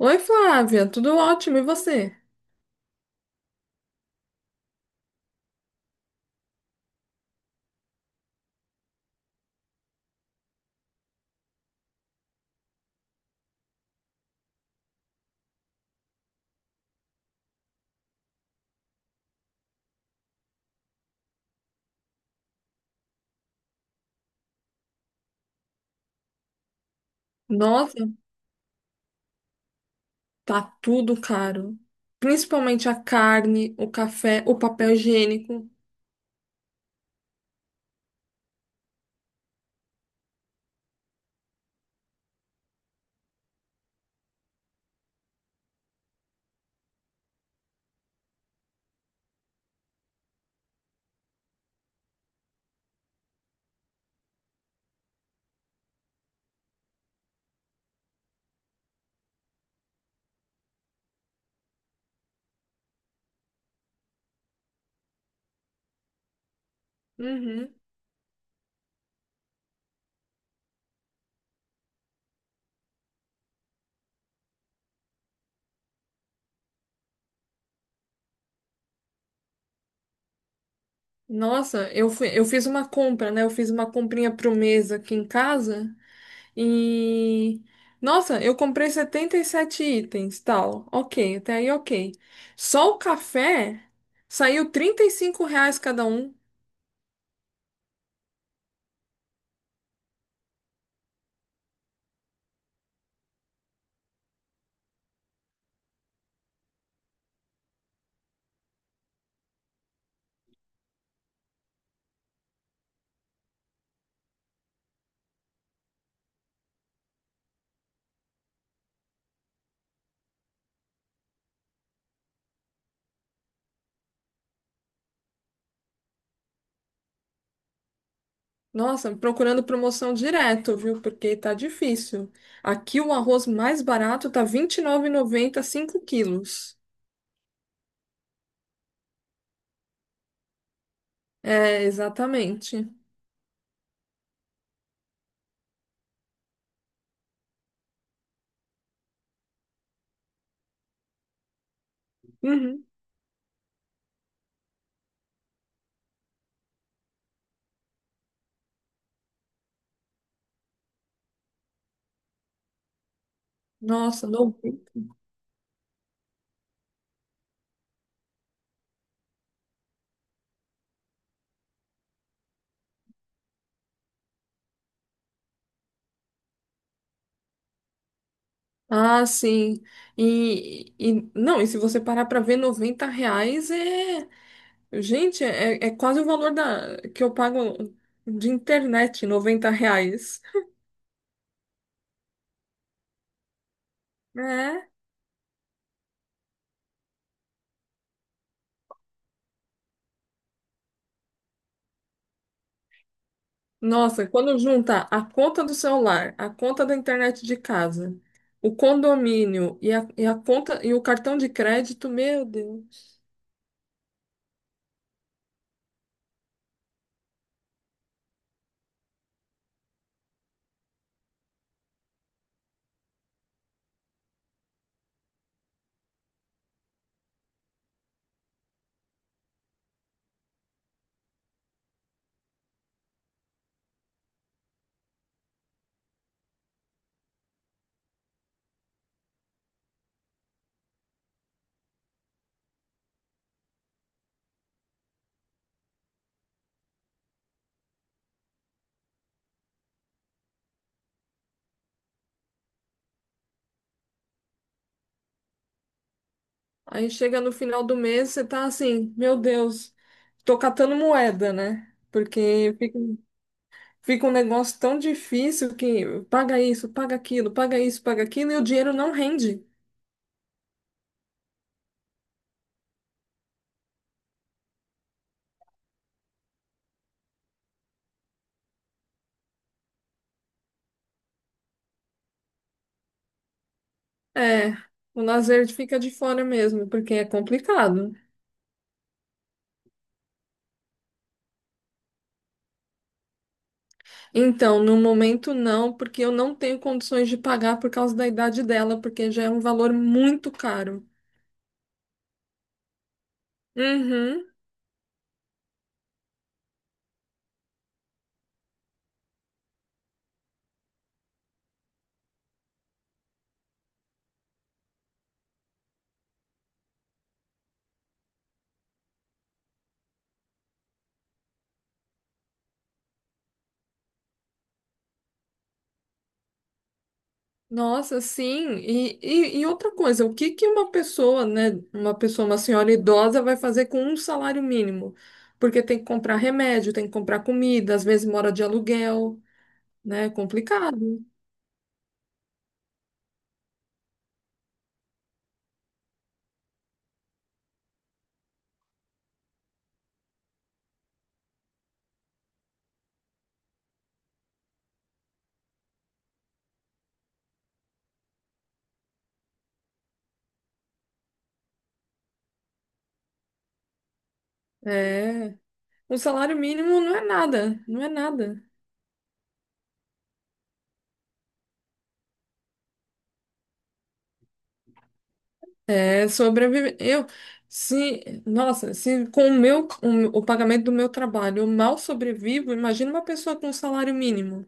Oi, Flávia, tudo ótimo, e você? Nossa, tá tudo caro. Principalmente a carne, o café, o papel higiênico. Uhum. Nossa, eu fiz uma compra, né? Eu fiz uma comprinha pro mês aqui em casa e nossa, eu comprei 77 itens, tal. Ok, até aí ok. Só o café saiu R$ 35 cada um. Nossa, procurando promoção direto, viu? Porque tá difícil. Aqui o arroz mais barato tá R$ 29,90, 5 quilos. É, exatamente. Uhum. Nossa, não. Ah, sim. E não, e se você parar para ver, R$ 90 é. Gente, é quase o valor que eu pago de internet, R$ 90. É. Nossa, quando junta a conta do celular, a conta da internet de casa, o condomínio e a conta e o cartão de crédito, meu Deus. Aí chega no final do mês, você tá assim, meu Deus, tô catando moeda, né? Porque fica um negócio tão difícil que paga isso, paga aquilo, paga isso, paga aquilo, e o dinheiro não rende. É, o lazer fica de fora mesmo, porque é complicado. Então, no momento não, porque eu não tenho condições de pagar por causa da idade dela, porque já é um valor muito caro. Uhum. Nossa, sim. E outra coisa, o que que uma pessoa, né, uma pessoa, uma senhora idosa vai fazer com um salário mínimo? Porque tem que comprar remédio, tem que comprar comida, às vezes mora de aluguel, né? É complicado. É. Um salário mínimo não é nada, não é nada. É sobreviver. Eu, se, nossa, se com o meu, o pagamento do meu trabalho eu mal sobrevivo, imagina uma pessoa com um salário mínimo.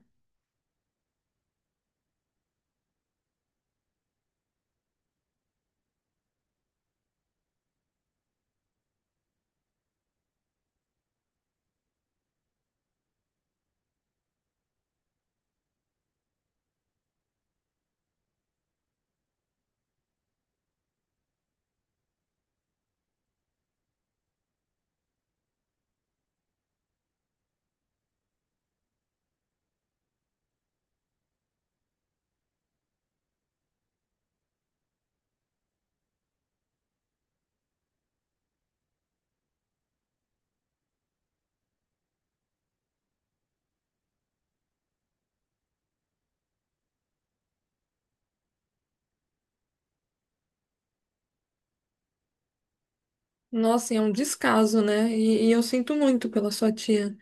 Nossa, e é um descaso, né? E eu sinto muito pela sua tia.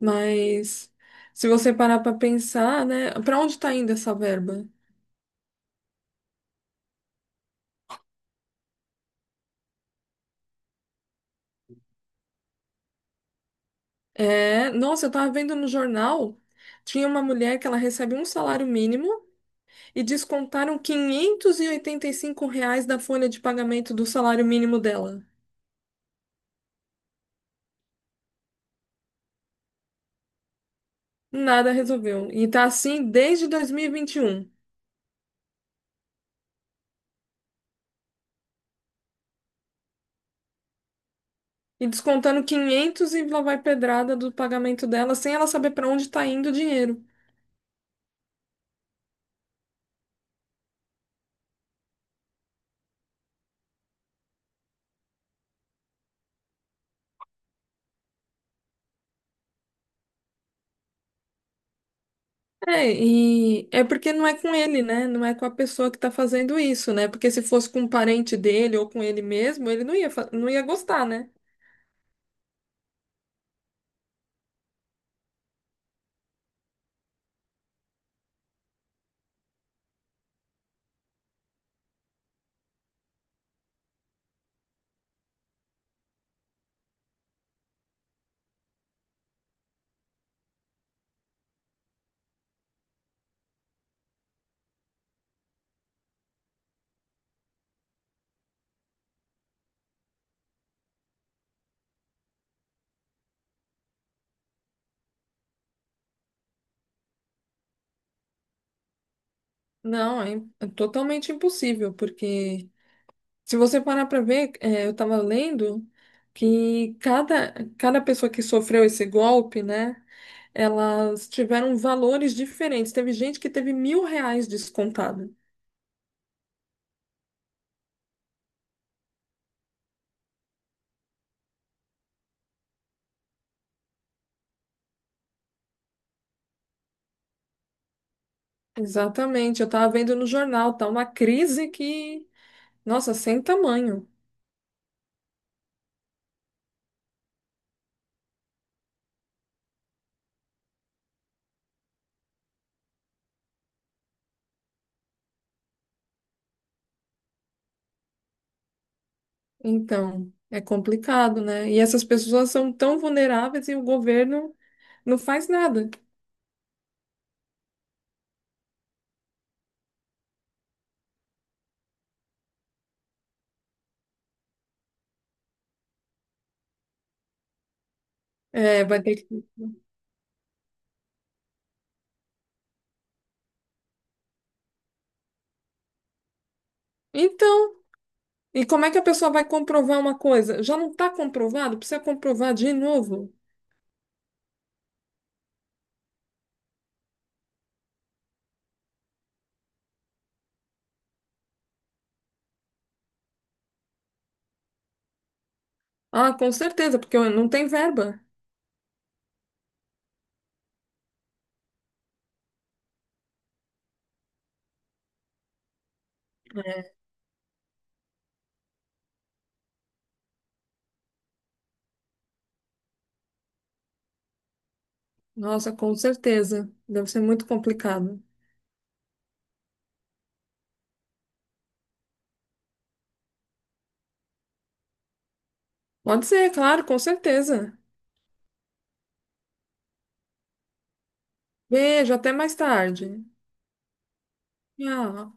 Mas se você parar para pensar, né, para onde tá indo essa verba? É, nossa, eu tava vendo no jornal, tinha uma mulher que ela recebe um salário mínimo e descontaram quinhentos e oitenta e cinco reais da folha de pagamento do salário mínimo dela. Nada resolveu. E tá assim desde 2021. E 21. E descontando 500 e lá vai pedrada do pagamento dela, sem ela saber para onde tá indo o dinheiro. É, e é porque não é com ele, né? Não é com a pessoa que tá fazendo isso, né? Porque se fosse com um parente dele ou com ele mesmo, ele não ia, não ia gostar, né? Não, é, é totalmente impossível, porque se você parar pra ver, é, eu tava lendo que cada pessoa que sofreu esse golpe, né? Elas tiveram valores diferentes. Teve gente que teve R$ 1.000 descontado. Exatamente, eu estava vendo no jornal, tá uma crise que, nossa, sem tamanho. Então, é complicado, né? E essas pessoas são tão vulneráveis e o governo não faz nada. É, vai ter que... Então, e como é que a pessoa vai comprovar uma coisa? Já não está comprovado? Precisa comprovar de novo? Ah, com certeza, porque não tem verba. É. Nossa, com certeza. Deve ser muito complicado. Pode ser, claro, com certeza. Beijo, até mais tarde. Tchau.